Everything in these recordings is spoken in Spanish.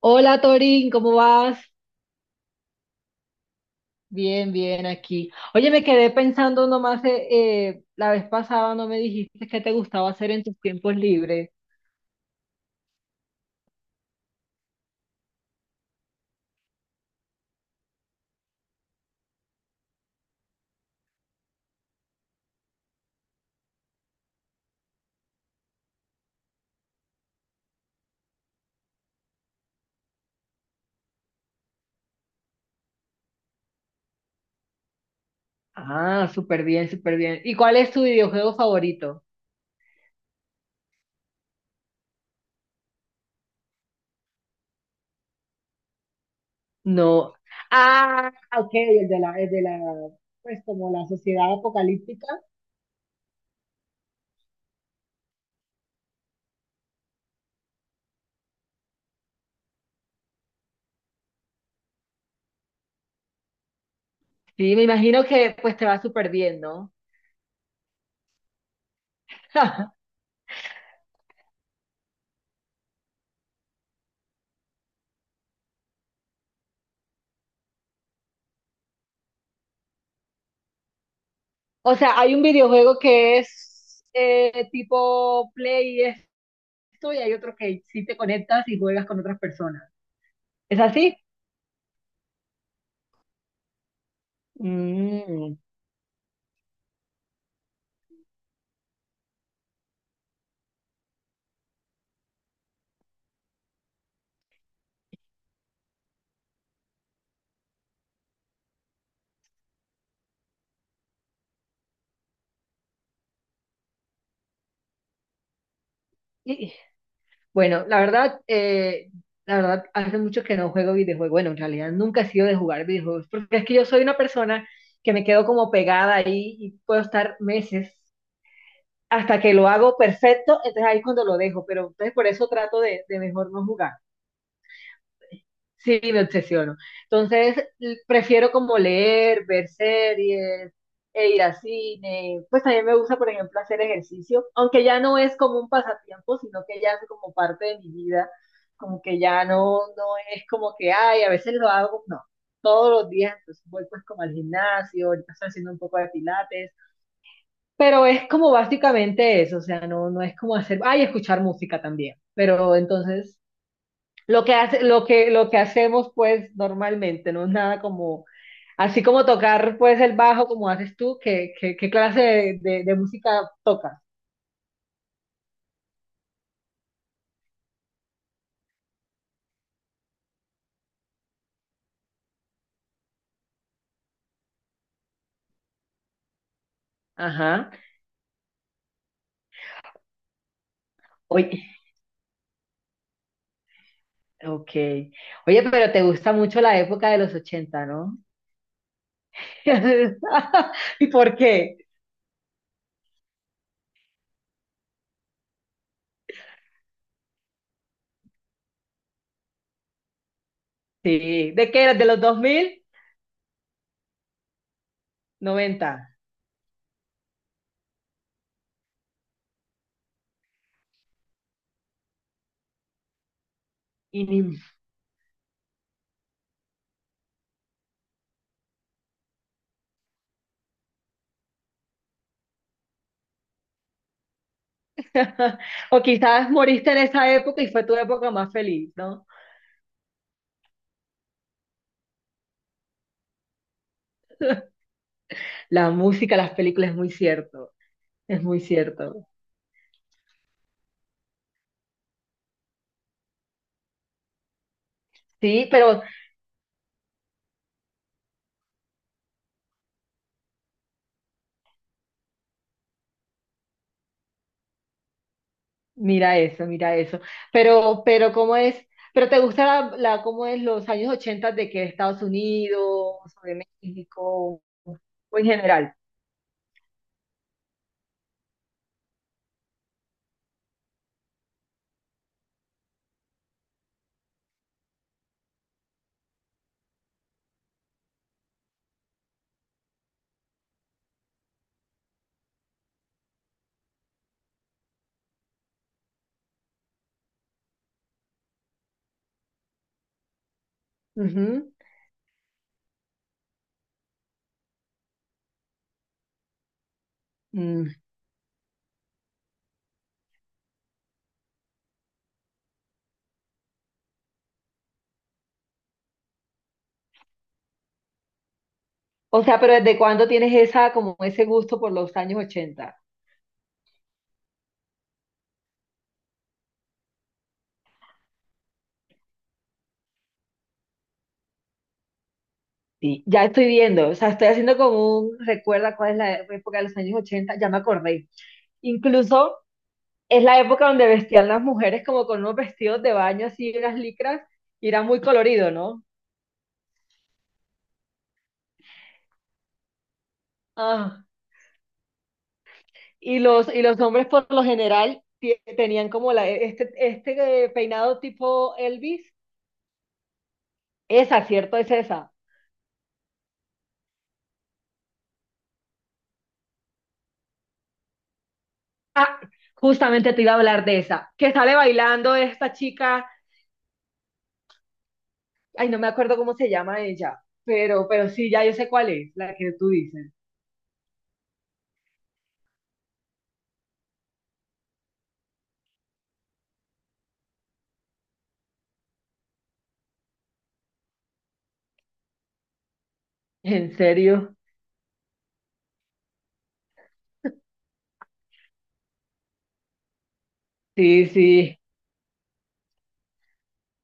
Hola Torín, ¿cómo vas? Bien, bien aquí. Oye, me quedé pensando nomás, la vez pasada no me dijiste qué te gustaba hacer en tus tiempos libres. Ah, súper bien, súper bien. ¿Y cuál es tu videojuego favorito? No. Ah, ok, el de la, pues como la sociedad apocalíptica. Sí, me imagino que pues te va súper bien, ¿no? O sea, hay un videojuego que es tipo Play y esto, y hay otro que sí te conectas y juegas con otras personas. ¿Es así? Mm. Y- Bueno, la verdad, la verdad, hace mucho que no juego videojuegos. Bueno, en realidad nunca he sido de jugar videojuegos, porque es que yo soy una persona que me quedo como pegada ahí y puedo estar meses hasta que lo hago perfecto, entonces ahí es cuando lo dejo, pero entonces por eso trato de mejor no jugar. Sí, me obsesiono. Entonces, prefiero como leer, ver series, e ir a cine. Pues también me gusta, por ejemplo, hacer ejercicio, aunque ya no es como un pasatiempo, sino que ya es como parte de mi vida. Como que ya no, no es como que, ay, a veces lo hago, no. Todos los días, entonces voy pues como al gimnasio, ahorita estoy haciendo un poco de pilates, pero es como básicamente eso, o sea, no es como hacer, ay, escuchar música también, pero entonces lo que hacemos pues normalmente, no es nada como, así como tocar pues el bajo como haces tú, ¿qué clase de música tocas? Ajá. Oye, ok. Oye, pero te gusta mucho la época de los 80, ¿no? ¿Y por qué? Sí. ¿De qué eras? ¿De los 2000? 90. Y ni- O quizás moriste en esa época y fue tu época más feliz, ¿no? La música, las películas, es muy cierto. Es muy cierto. Sí, pero, mira eso, mira eso. Pero, ¿cómo es? ¿Pero te gusta cómo es los años 80 de que Estados Unidos o de México o en general? Ujú. Mm. O sea, pero ¿desde cuándo tienes esa, como ese gusto por los años 80? Sí, ya estoy viendo, o sea, estoy haciendo como un recuerda cuál es la época de los años 80. Ya me acordé. Incluso es la época donde vestían las mujeres como con unos vestidos de baño así, unas licras, y era muy colorido, ¿no? Ah. Y los hombres por lo general tenían como la, peinado tipo Elvis. Esa, ¿cierto? Es esa. Ah, justamente te iba a hablar de esa, que sale bailando esta chica. Ay, no me acuerdo cómo se llama ella, pero sí, ya yo sé cuál es, la que tú dices. ¿En serio? Sí, sí.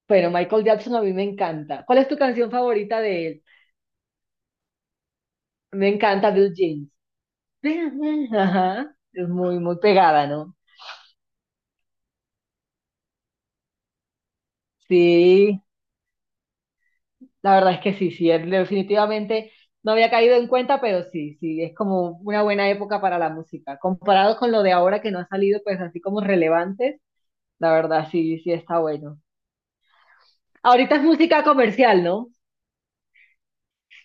Bueno, Michael Jackson a mí me encanta. ¿Cuál es tu canción favorita de él? Me encanta Blue Jeans. Ajá, es muy, muy pegada, ¿no? Sí. La verdad es que sí, sí, él definitivamente no había caído en cuenta, pero sí, sí, es como una buena época para la música. Comparado con lo de ahora que no ha salido, pues así como relevantes, la verdad sí, sí está bueno. Ahorita es música comercial, ¿no?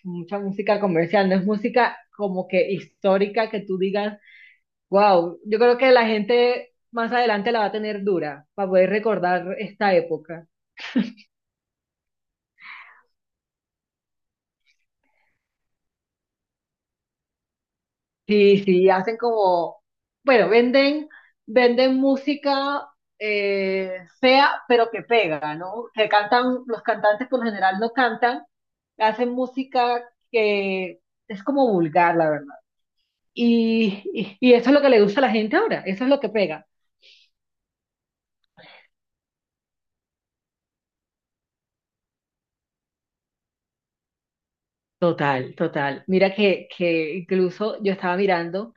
Mucha música comercial, no es música como que histórica que tú digas, wow, yo creo que la gente más adelante la va a tener dura para poder recordar esta época. Sí, sí, hacen como, bueno, venden música fea, pero que pega, ¿no? Que cantan, los cantantes por lo general no cantan, hacen música que es como vulgar, la verdad. Y eso es lo que le gusta a la gente ahora, eso es lo que pega. Total, total. Mira que incluso yo estaba mirando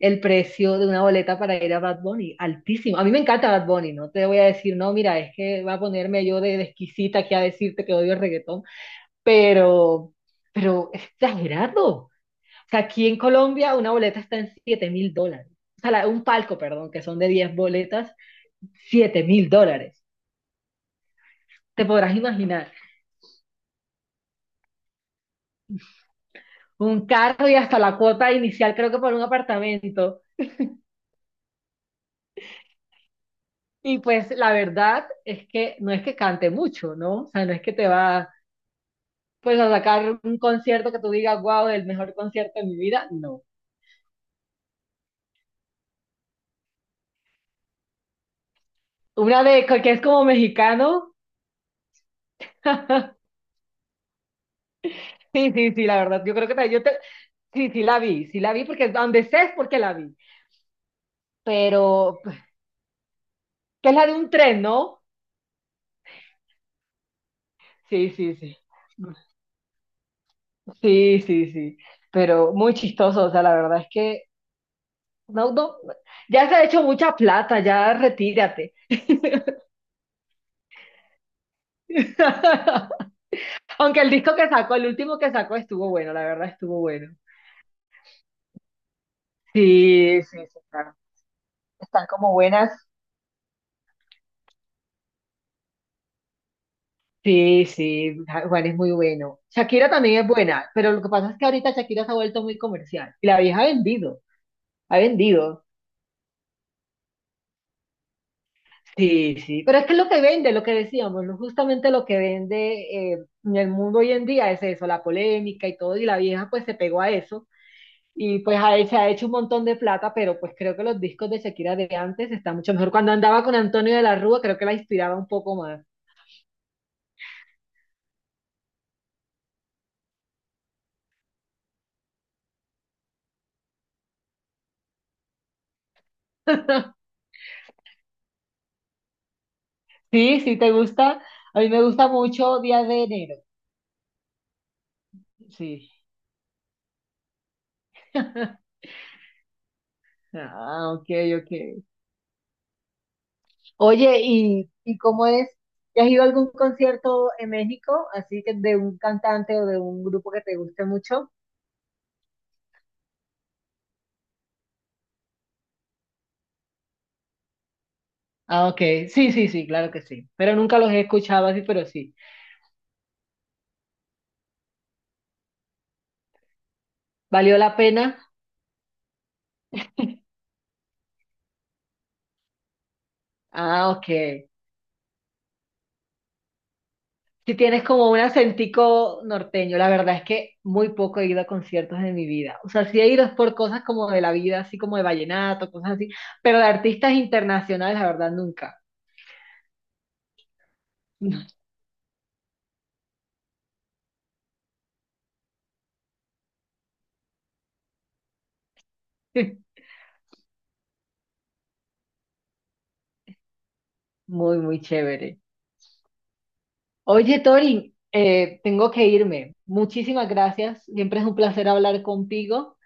el precio de una boleta para ir a Bad Bunny, altísimo. A mí me encanta Bad Bunny, no te voy a decir, no, mira, es que va a ponerme yo de exquisita aquí a decirte que odio el reggaetón, pero, pero es exagerado. O sea, aquí en Colombia una boleta está en $7.000. O sea, un palco, perdón, que son de 10 boletas, $7.000. Te podrás imaginar. Un carro y hasta la cuota inicial, creo que por un apartamento. Y pues la verdad es que no es que cante mucho, ¿no? O sea, no es que te va pues a sacar un concierto que tú digas, wow, el mejor concierto de mi vida, no. Una de que es como mexicano. Sí, sí, sí, la verdad, yo creo que sí, sí la vi porque donde sé es porque la vi, pero pues, que es la de un tren, ¿no? Sí, sí, sí. Sí, sí, sí, pero muy chistoso, o sea, la verdad es que no, no, ya se ha hecho mucha plata, ya retírate. Aunque el disco que sacó, el último que sacó estuvo bueno, la verdad estuvo bueno. Sí, sí, sí, claro. Están como buenas. Sí, sí, Juan es muy bueno. Shakira también es buena, pero lo que pasa es que ahorita Shakira se ha vuelto muy comercial. Y la vieja ha vendido, ha vendido. Sí, sí, pero es que lo que vende, lo que decíamos, justamente lo que vende en el mundo hoy en día es eso, la polémica y todo, y la vieja pues se pegó a eso. Y pues a él se ha hecho un montón de plata, pero pues creo que los discos de Shakira de antes están mucho mejor. Cuando andaba con Antonio de la Rúa, creo que la inspiraba un poco más. Sí, sí, te gusta. A mí me gusta mucho Día de Enero. Sí. Ah, ok, ok. Oye, ¿y cómo es? ¿Has ido a algún concierto en México? Así que de un cantante o de un grupo que te guste mucho. Ah, ok. Sí, sí, sí, claro que sí. Pero nunca los he escuchado así, pero sí. ¿Valió la pena? Ah, ok. Si tienes como un acentico norteño, la verdad es que muy poco he ido a conciertos en mi vida. O sea, sí he ido es por cosas como de la vida, así como de vallenato, cosas así, pero de artistas internacionales, la verdad, nunca. Muy, muy chévere. Oye, Torin, tengo que irme. Muchísimas gracias. Siempre es un placer hablar contigo.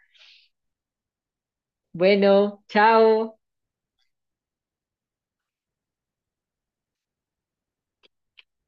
Bueno, chao.